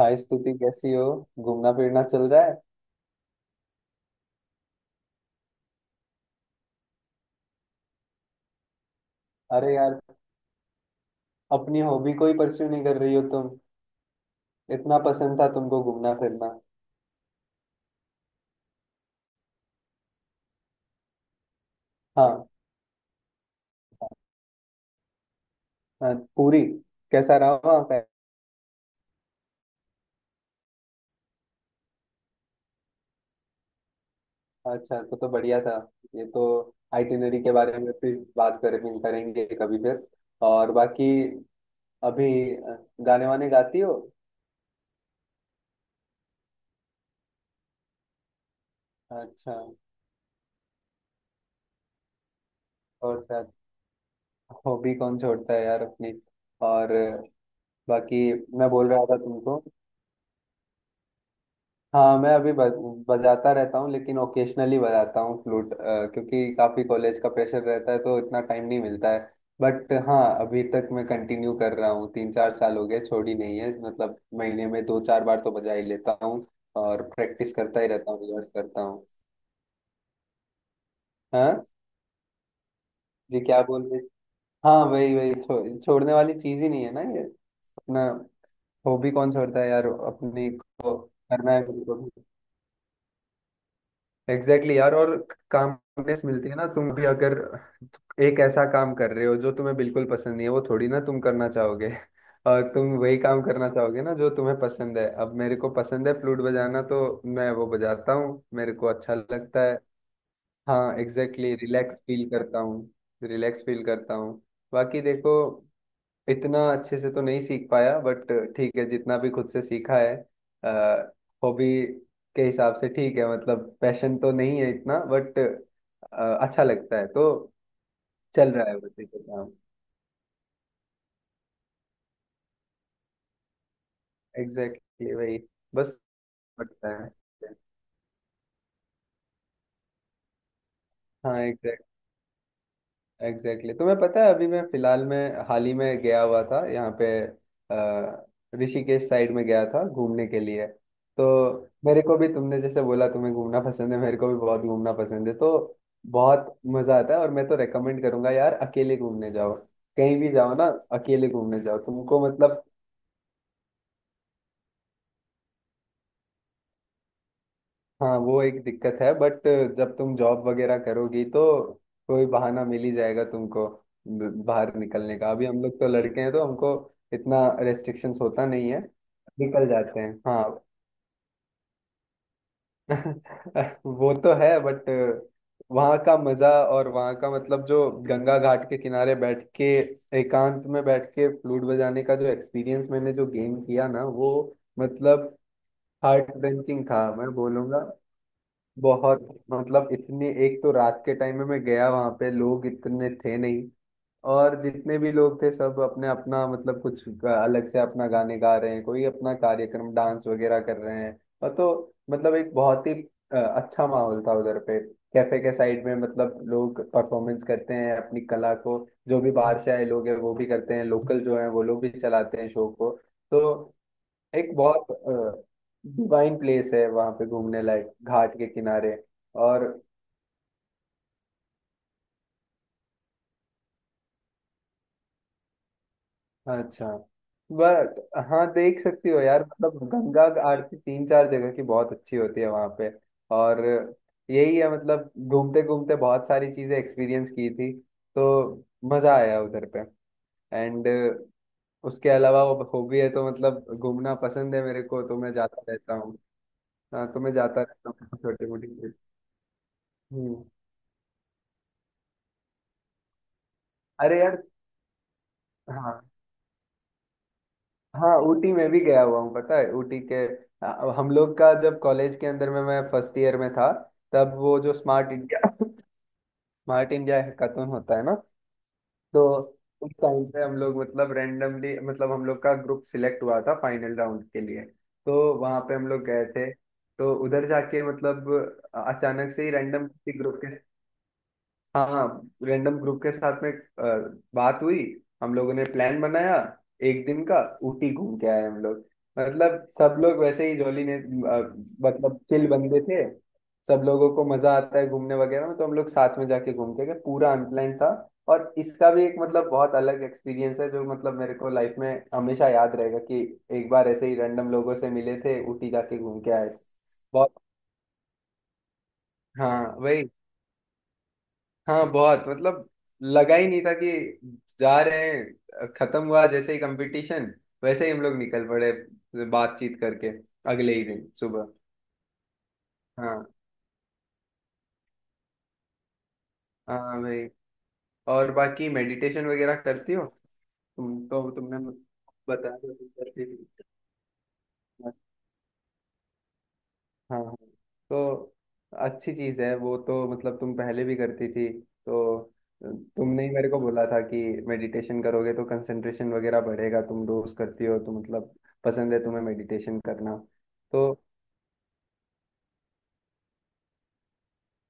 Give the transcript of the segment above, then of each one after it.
हाय स्तुति, कैसी हो। घूमना फिरना चल रहा है। अरे यार, अपनी हॉबी को ही परस्यू नहीं कर रही हो तुम। इतना पसंद था तुमको घूमना फिरना। हाँ। हाँ, पूरी। कैसा रहा वहाँ का। अच्छा, तो बढ़िया था। ये तो। आइटिनरी के बारे में फिर बात करेंगे करेंगे कभी फिर। और बाकी। अभी अ, गाने वाने गाती हो। अच्छा। और क्या। हॉबी कौन छोड़ता है यार अपनी। और बाकी। मैं बोल रहा था तुमको। हाँ, मैं अभी बजाता रहता हूँ, लेकिन ओकेशनली बजाता हूँ फ्लूट। क्योंकि काफी कॉलेज का प्रेशर रहता है तो इतना टाइम नहीं मिलता है। बट हाँ। अभी तक मैं कंटिन्यू कर रहा हूँ, तीन चार साल हो गए, छोड़ी नहीं है, मतलब महीने में दो चार बार तो बजा ही लेता हूँ। और प्रैक्टिस करता ही रहता हूँ, रिहर्स करता हूँ। हाँ। जी, क्या बोल रहे। हाँ, वही वही छोड़ने वाली चीज ही नहीं है ना ये। अपना। हॉबी कौन छोड़ता है यार अपनी को। करना है बिल्कुल। एग्जैक्टली। exactly यार, और काम। मिलती है ना तुम भी अगर एक ऐसा काम कर रहे हो जो तुम्हें बिल्कुल पसंद नहीं है, वो थोड़ी ना तुम करना चाहोगे। और तुम वही काम करना चाहोगे ना जो तुम्हें पसंद है। अब मेरे को पसंद है फ्लूट बजाना, तो मैं वो बजाता हूँ, मेरे को अच्छा लगता है। हाँ एग्जैक्टली, रिलैक्स फील करता हूँ। रिलैक्स फील करता हूँ। बाकी देखो, इतना अच्छे से तो नहीं सीख पाया बट ठीक है, जितना भी खुद से सीखा है। हॉबी के हिसाब से ठीक है, मतलब पैशन तो नहीं है इतना बट अच्छा लगता है तो। चल रहा है बस ये काम। एग्जैक्टली exactly, वही। बस लगता है। हाँ, एग्जैक्टली, तुम्हें पता है, अभी मैं फिलहाल में हाल ही में गया हुआ था यहाँ पे अ, ऋषिकेश साइड में गया था घूमने के लिए। तो मेरे को भी, तुमने जैसे बोला तुम्हें घूमना पसंद है, मेरे को भी बहुत घूमना पसंद है, तो बहुत मजा आता है। और मैं तो रेकमेंड करूंगा यार, अकेले घूमने जाओ। कहीं भी जाओ ना, अकेले घूमने जाओ तुमको मतलब। हाँ, वो एक दिक्कत है, बट जब तुम जॉब वगैरह करोगी तो कोई बहाना मिल ही जाएगा तुमको बाहर निकलने का। अभी हम लोग तो लड़के हैं, तो हमको इतना रेस्ट्रिक्शंस होता नहीं है, निकल जाते हैं हाँ। वो तो है, बट वहाँ का मजा, और वहाँ का मतलब, जो गंगा घाट के किनारे बैठ के, एकांत में बैठ के फ्लूट बजाने का जो एक्सपीरियंस मैंने जो गेन किया ना, वो मतलब हार्ट बेंचिंग था मैं बोलूंगा। बहुत। मतलब इतनी एक तो, रात के टाइम में मैं गया वहां पे, लोग इतने थे नहीं। और जितने भी लोग थे सब अपने अपना, मतलब कुछ अलग से अपना गाने गा रहे हैं, कोई अपना कार्यक्रम डांस वगैरह कर रहे हैं। और तो मतलब एक बहुत ही अच्छा माहौल था उधर पे। कैफे के साइड में मतलब लोग परफॉर्मेंस करते हैं अपनी कला को। जो भी बाहर से आए लोग हैं वो भी करते हैं, लोकल जो है वो लोग भी चलाते हैं शो को। तो एक बहुत डिवाइन प्लेस है वहां पे घूमने लायक, घाट के किनारे। और अच्छा, बट हाँ, देख सकती हो यार, मतलब गंगा का आरती तीन चार जगह की बहुत अच्छी होती है वहां पे। और यही है, मतलब घूमते घूमते बहुत सारी चीजें एक्सपीरियंस की थी। तो मजा आया उधर पे। एंड उसके अलावा वो हॉबी है तो, मतलब घूमना पसंद है मेरे को तो मैं जाता रहता हूँ। हाँ, तो मैं जाता रहता हूँ छोटी मोटी। हम्म अरे यार। हाँ हाँ, ऊटी में भी गया हुआ हूँ, पता है ऊटी के। हम लोग का जब कॉलेज के अंदर में मैं फर्स्ट ईयर में था, तब वो जो स्मार्ट इंडिया हैकाथन होता है ना। तो उस टाइम पे हम लोग मतलब रैंडमली, मतलब हम लोग का ग्रुप सिलेक्ट हुआ था फाइनल राउंड के लिए। तो वहाँ पे हम लोग गए थे। तो उधर जाके मतलब अचानक से ही रैंडम किसी ग्रुप के, हाँ हाँ, रैंडम ग्रुप के साथ में बात हुई। हम लोगों ने प्लान बनाया एक दिन का, ऊटी घूम के आए हम लोग। मतलब सब लोग वैसे ही जॉली ने मतलब चिल बंदे थे। सब लोगों को मजा आता है घूमने वगैरह में, तो हम लोग साथ में जाके घूम के गए, पूरा अनप्लान था। और इसका भी एक मतलब बहुत अलग एक्सपीरियंस है जो मतलब मेरे को लाइफ में हमेशा याद रहेगा कि एक बार ऐसे ही रैंडम लोगों से मिले थे, ऊटी जाके घूम के आए। बहुत। हाँ वही। हाँ बहुत, मतलब लगा ही नहीं था कि जा रहे हैं, खत्म हुआ जैसे ही कंपटीशन, वैसे ही हम लोग निकल पड़े, बातचीत करके, अगले ही दिन सुबह। हाँ हाँ भाई। और बाकी मेडिटेशन वगैरह करती हो तुम तो, तुमने बता दो, करती थी। हाँ हाँ। तो अच्छी चीज है वो तो, मतलब तुम पहले भी करती थी, तो तुमने ही मेरे को बोला था कि मेडिटेशन करोगे तो कंसंट्रेशन वगैरह बढ़ेगा, तुम रोज करती हो तो मतलब पसंद है तुम्हें मेडिटेशन करना। तो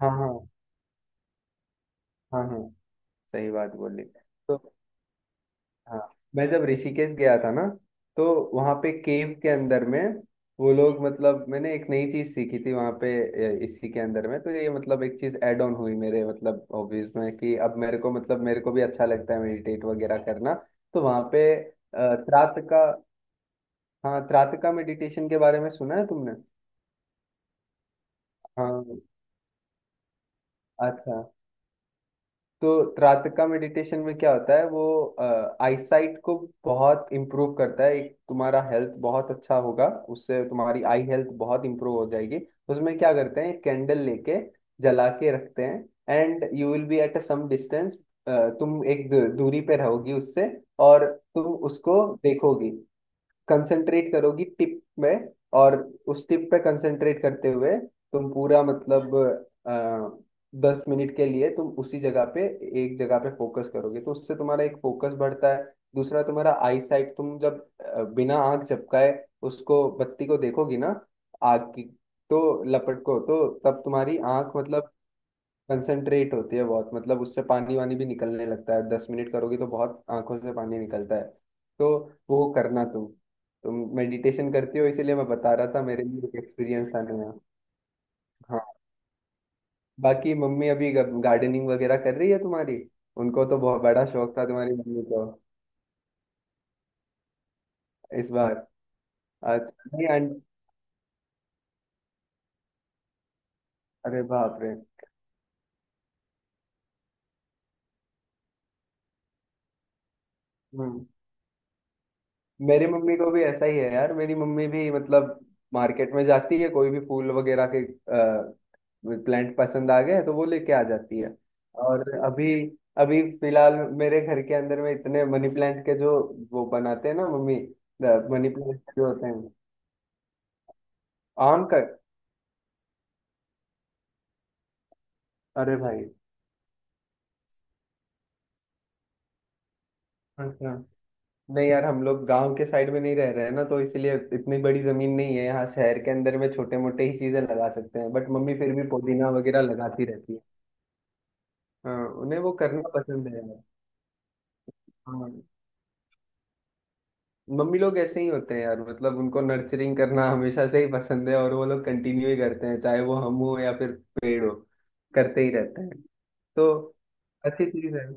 हाँ हाँ। हाँ हाँ, सही बात बोली। तो हाँ, मैं जब ऋषिकेश गया था ना, तो वहाँ पे केव के अंदर में वो लोग, मतलब मैंने एक नई चीज सीखी थी वहाँ पे। इसी के अंदर में तो ये, मतलब एक चीज ऐड ऑन हुई मेरे मतलब हॉबीज में, कि अब मेरे को मतलब मेरे को भी अच्छा लगता है मेडिटेट वगैरह करना। तो वहाँ पे त्राटका, हाँ त्राटका मेडिटेशन के बारे में सुना है तुमने। हाँ। अच्छा। तो त्राटका मेडिटेशन में क्या होता है वो, आईसाइट को बहुत इम्प्रूव करता है, एक तुम्हारा हेल्थ बहुत अच्छा होगा, उससे तुम्हारी आई हेल्थ बहुत इम्प्रूव हो जाएगी। उसमें क्या करते हैं, कैंडल लेके जला के रखते हैं, and you will be at a some distance. तुम एक दूरी पे रहोगी उससे, और तुम उसको देखोगी, कंसंट्रेट करोगी टिप में। और उस टिप पे कंसंट्रेट करते हुए तुम पूरा, मतलब अ, 10 मिनट के लिए तुम उसी जगह पे, एक जगह पे फोकस करोगे तो उससे तुम्हारा एक फोकस बढ़ता है। दूसरा तुम्हारा आई साइट, तुम जब बिना आंख झपकाए उसको बत्ती को देखोगी ना, आग की तो लपट को, तो तब तुम्हारी आंख मतलब कंसंट्रेट होती है बहुत, मतलब उससे पानी वानी भी निकलने लगता है, 10 मिनट करोगी तो बहुत आंखों से पानी निकलता है। तो वो करना तुम मेडिटेशन करती हो इसीलिए मैं बता रहा था, मेरे लिए एक एक्सपीरियंस था नया। हाँ। बाकी मम्मी अभी गार्डनिंग वगैरह कर रही है तुम्हारी, उनको तो बहुत बड़ा शौक था तुम्हारी मम्मी को। इस बार अच्छा, नहीं आंट, अरे बाप रे। हम्म मेरी मम्मी को भी ऐसा ही है यार, मेरी मम्मी भी मतलब मार्केट में जाती है, कोई भी फूल वगैरह के प्लांट पसंद आ गए तो वो लेके आ जाती है। और अभी, अभी फिलहाल मेरे घर के अंदर में इतने मनी प्लांट के, जो वो बनाते हैं ना मम्मी, मनी प्लांट जो होते हैं। आम का, अरे भाई। अच्छा, नहीं यार, हम लोग गांव के साइड में नहीं रह रहे हैं ना, तो इसलिए इतनी बड़ी जमीन नहीं है, यहाँ शहर के अंदर में छोटे मोटे ही चीजें लगा सकते हैं, बट मम्मी फिर भी पुदीना वगैरह लगाती रहती है। हाँ, उन्हें वो करना पसंद है यार। हाँ, मम्मी लोग ऐसे ही होते हैं यार, मतलब उनको नर्चरिंग करना हमेशा से ही पसंद है, और वो लोग कंटिन्यू ही करते हैं, चाहे वो हम हो या फिर पेड़ हो, करते ही रहते हैं। तो अच्छी चीज है।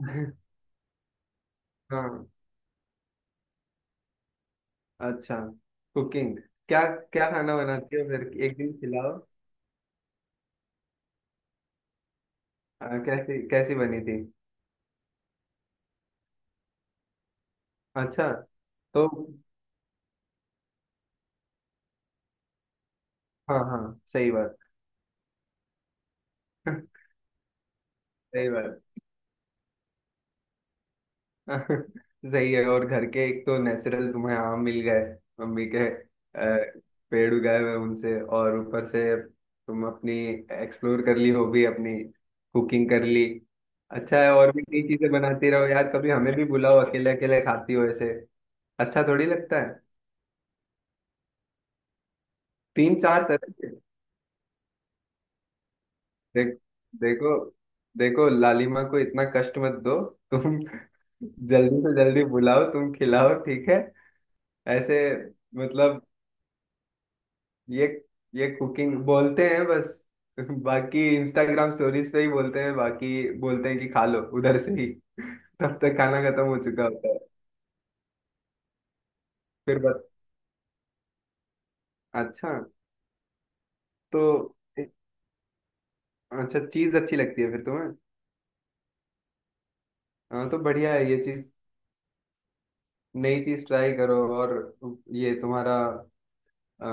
हाँ, अच्छा, कुकिंग क्या, क्या खाना बनाती हो फिर, एक दिन खिलाओ। कैसी कैसी बनी थी। अच्छा। तो हाँ हाँ, सही बात। सही बात। सही है, और घर के एक तो नेचुरल तुम्हें आम मिल गए मम्मी के पेड़ उगाए हुए उनसे, और ऊपर से तुम अपनी एक्सप्लोर कर ली हॉबी अपनी, कुकिंग कर ली। अच्छा है, और भी नई चीजें बनाती रहो यार, कभी हमें भी बुलाओ, अकेले अकेले खाती हो ऐसे। अच्छा थोड़ी लगता है। तीन चार तरह के। देख देखो देखो लालिमा को इतना कष्ट मत दो तुम। जल्दी से जल्दी बुलाओ, तुम खिलाओ ठीक है, ऐसे मतलब ये ये कुकिंग बोलते हैं बस। बाकी इंस्टाग्राम स्टोरीज पे ही बोलते हैं, बाकी बोलते हैं कि खा लो उधर से ही। तब तक खाना खत्म हो चुका होता है। फिर बत अच्छा, तो अच्छा, चीज अच्छी लगती है फिर तुम्हें। हाँ तो बढ़िया है ये चीज। नई चीज ट्राई करो, और ये तुम्हारा अ,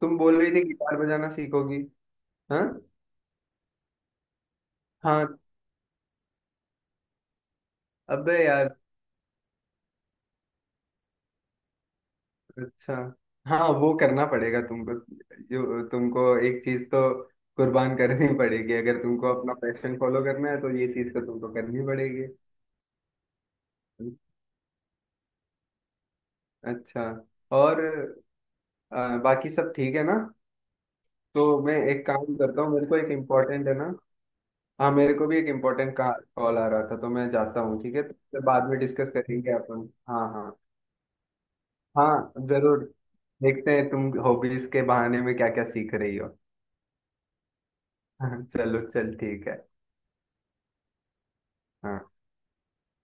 तुम बोल रही थी गिटार बजाना सीखोगी। हाँ। हाँ, अबे यार, अच्छा। हाँ, वो करना पड़ेगा तुमको, जो तुमको एक चीज तो कुर्बान करनी पड़ेगी, अगर तुमको अपना पैशन फॉलो करना है तो ये चीज तो तुमको करनी पड़ेगी। अच्छा। और बाकी सब ठीक है ना। तो मैं एक काम करता हूँ, मेरे को एक इम्पोर्टेंट है ना। हाँ, मेरे को भी एक इम्पोर्टेंट का कॉल आ रहा था, तो मैं जाता हूँ ठीक है, तो फिर बाद में डिस्कस करेंगे अपन, हाँ हाँ। हाँ जरूर, देखते हैं तुम हॉबीज के बहाने में क्या क्या सीख रही हो। चलो चल ठीक है। हाँ।